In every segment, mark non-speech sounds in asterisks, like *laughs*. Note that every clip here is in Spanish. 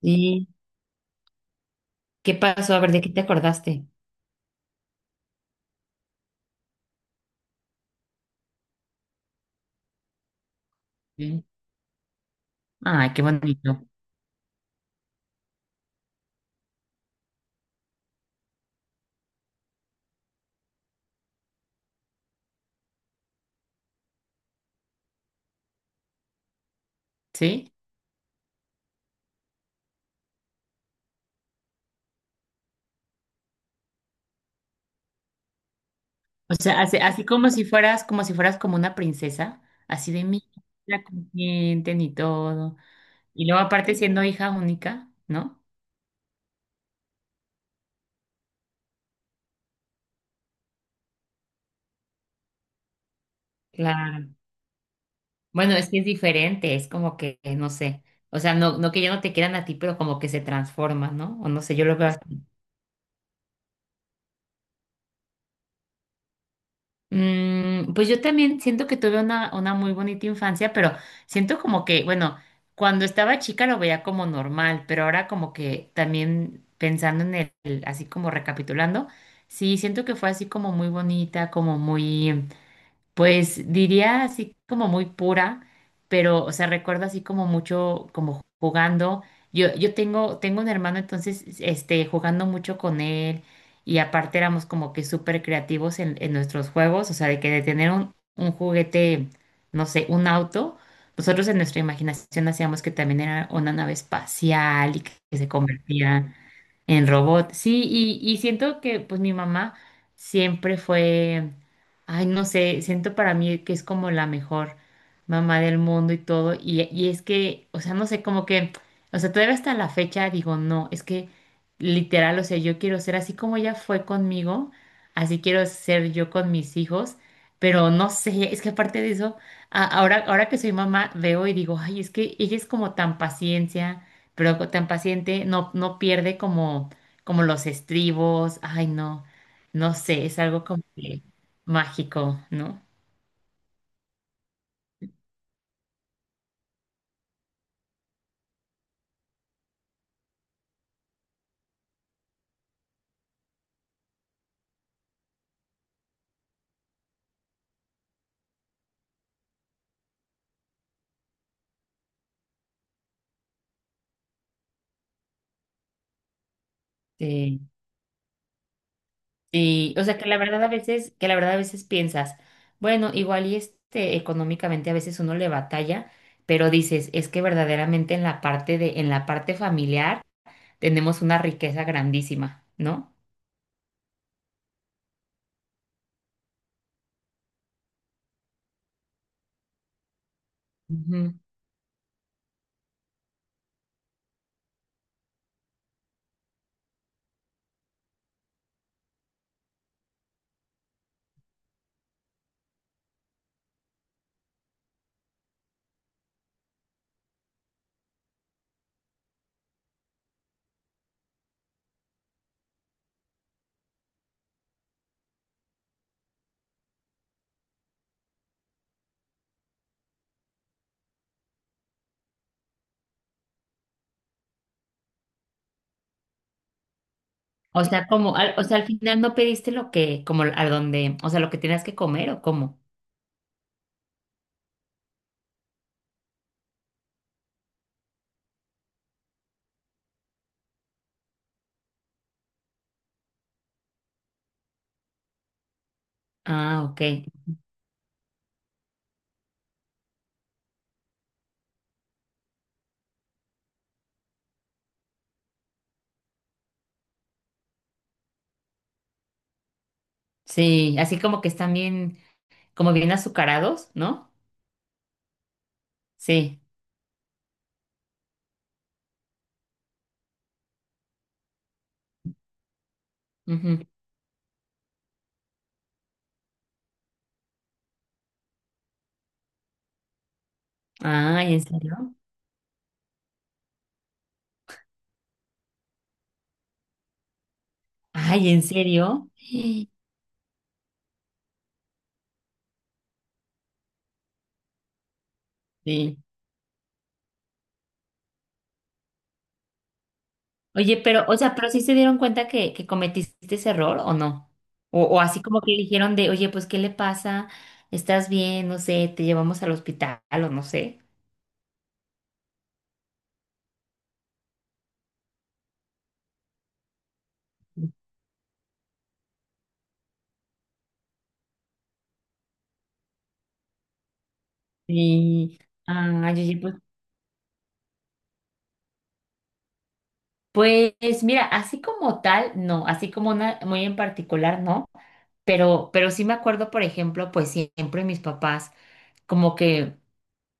¿Y qué pasó? A ver, ¿de qué te acordaste? Sí. Ay, qué bonito. ¿Sí? O sea, así, así como si fueras, como si fueras como una princesa, así de mí, la consienten y todo. Y luego aparte siendo hija única, ¿no? Claro. Bueno, es que es diferente, es como que, no sé, o sea, no, no que ya no te quieran a ti, pero como que se transforma, ¿no? O no sé, yo lo veo así. Pues yo también siento que tuve una muy bonita infancia, pero siento como que, bueno, cuando estaba chica lo veía como normal, pero ahora como que también pensando en el, así como recapitulando, sí, siento que fue así como muy bonita, como muy... Pues diría así como muy pura, pero, o sea, recuerdo así como mucho, como jugando. Yo tengo, tengo un hermano, entonces, este, jugando mucho con él y aparte éramos como que súper creativos en nuestros juegos, o sea, de que de tener un juguete, no sé, un auto, nosotros en nuestra imaginación hacíamos que también era una nave espacial y que se convertía. En robot, sí, y siento que pues mi mamá siempre fue, ay, no sé, siento para mí que es como la mejor mamá del mundo y todo, y es que, o sea, no sé, como que, o sea, todavía hasta la fecha digo, no, es que literal, o sea, yo quiero ser así como ella fue conmigo, así quiero ser yo con mis hijos, pero no sé, es que aparte de eso, ahora, ahora que soy mamá, veo y digo, ay, es que ella es como tan paciencia pero tan paciente no, no pierde como, como los estribos. Ay, no, no sé, es algo como que mágico, ¿no? Sí. Sí, o sea que la verdad a veces, que la verdad a veces piensas, bueno, igual y este económicamente a veces uno le batalla, pero dices, es que verdaderamente en la parte de, en la parte familiar tenemos una riqueza grandísima, ¿no? Ujú. O sea, como, o sea, al final no pediste lo que, como a donde, o sea, lo que tenías que comer o cómo. Ah, ok. Sí, así como que están bien, como bien azucarados, ¿no? Sí. Ujú. Ay, ¿en serio? Ay, ¿en serio? Sí. Oye, pero, o sea, ¿pero sí se dieron cuenta que cometiste ese error o no? O así como que dijeron de, oye, pues, ¿qué le pasa? ¿Estás bien? No sé, te llevamos al hospital o no sé. Sí. Ay, oye, pues, pues mira, así como tal, no, así como una muy en particular, no, pero sí me acuerdo, por ejemplo, pues siempre mis papás, como que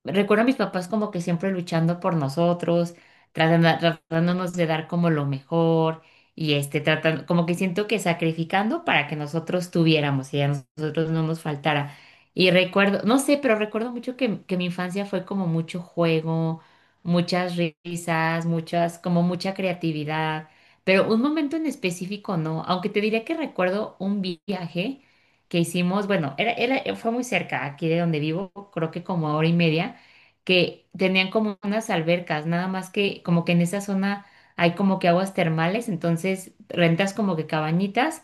recuerdo a mis papás como que siempre luchando por nosotros, tratándonos de dar como lo mejor y este tratando, como que siento que sacrificando para que nosotros tuviéramos y a nosotros no nos faltara. Y recuerdo, no sé, pero recuerdo mucho que mi infancia fue como mucho juego, muchas risas, muchas, como mucha creatividad, pero un momento en específico no, aunque te diría que recuerdo un viaje que hicimos, bueno, era, fue muy cerca aquí de donde vivo, creo que como a hora y media, que tenían como unas albercas, nada más que como que en esa zona hay como que aguas termales, entonces rentas como que cabañitas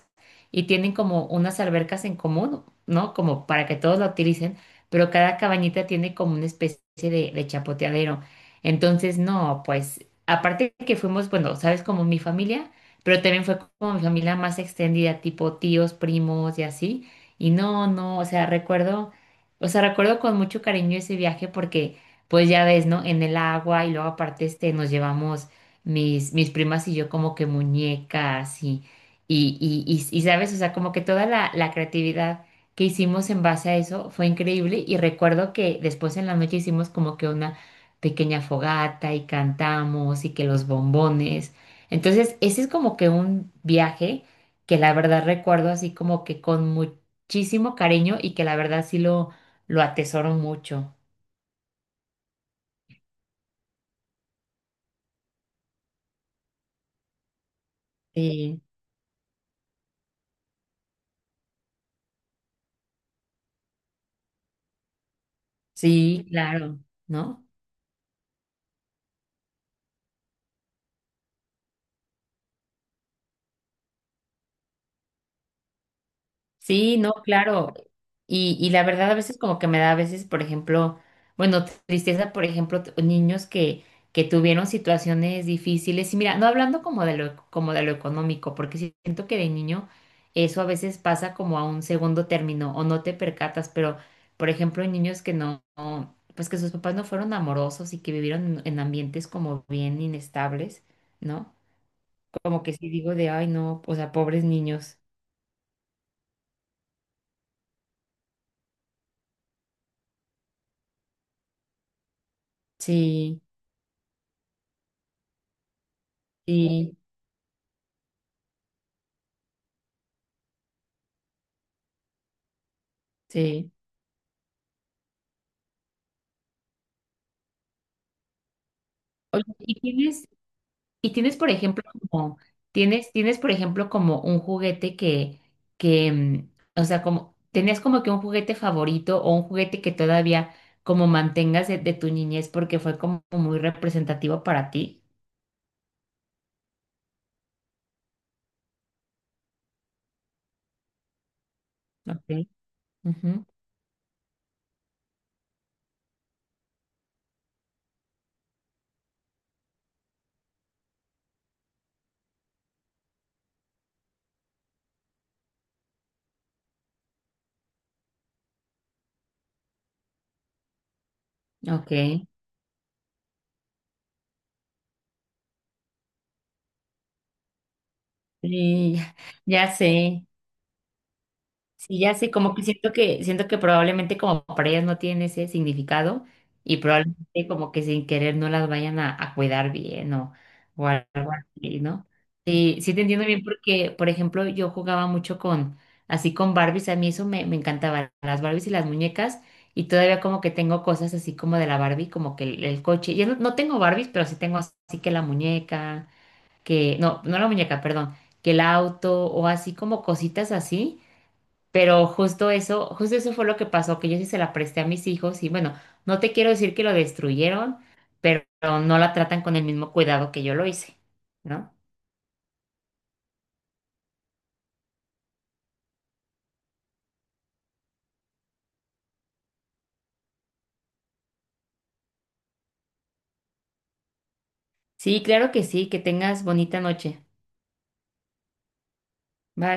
y tienen como unas albercas en común, ¿no? Como para que todos la utilicen, pero cada cabañita tiene como una especie de chapoteadero. Entonces, no, pues aparte que fuimos, bueno, sabes, como mi familia, pero también fue como mi familia más extendida, tipo tíos, primos y así. Y no, no, o sea, recuerdo con mucho cariño ese viaje porque pues ya ves, ¿no? En el agua y luego aparte este nos llevamos mis, mis primas y yo como que muñecas y, sabes, o sea, como que toda la, la creatividad que hicimos en base a eso fue increíble y recuerdo que después en la noche hicimos como que una pequeña fogata y cantamos y que los bombones. Entonces, ese es como que un viaje que la verdad recuerdo así como que con muchísimo cariño y que la verdad sí lo atesoro mucho. Sí. Sí, claro, ¿no? Sí, no, claro. Y la verdad a veces como que me da a veces, por ejemplo, bueno, tristeza, por ejemplo, niños que tuvieron situaciones difíciles. Y mira, no hablando como de lo económico, porque sí siento que de niño eso a veces pasa como a un segundo término o no te percatas, pero por ejemplo, niños que no, no, pues que sus papás no fueron amorosos y que vivieron en ambientes como bien inestables, ¿no? Como que sí digo de, ay, no, o sea, pobres niños. Sí, sí, sí. Oye, y tienes, por ejemplo, como, tienes, tienes, por ejemplo, como un juguete que, o sea, como, ¿tenías como que un juguete favorito o un juguete que todavía como mantengas de tu niñez porque fue como muy representativo para ti? Ok. Ujú. Ok. Sí, *laughs* ya sé. Sí, ya sé, como que siento que, siento que probablemente como para ellas no tienen ese significado y probablemente como que sin querer no las vayan a cuidar bien o algo así, ¿no? Sí, sí te entiendo bien porque, por ejemplo, yo jugaba mucho con, así con Barbies, a mí eso me, me encantaba, las Barbies y las muñecas y todavía como que tengo cosas así como de la Barbie, como que el coche, yo no, no tengo Barbies, pero sí tengo así que la muñeca, que, no, no la muñeca, perdón, que el auto o así como cositas así pero justo eso fue lo que pasó, que yo sí se la presté a mis hijos y bueno, no te quiero decir que lo destruyeron, pero no la tratan con el mismo cuidado que yo lo hice, ¿no? Sí, claro que sí, que tengas bonita noche. Bye.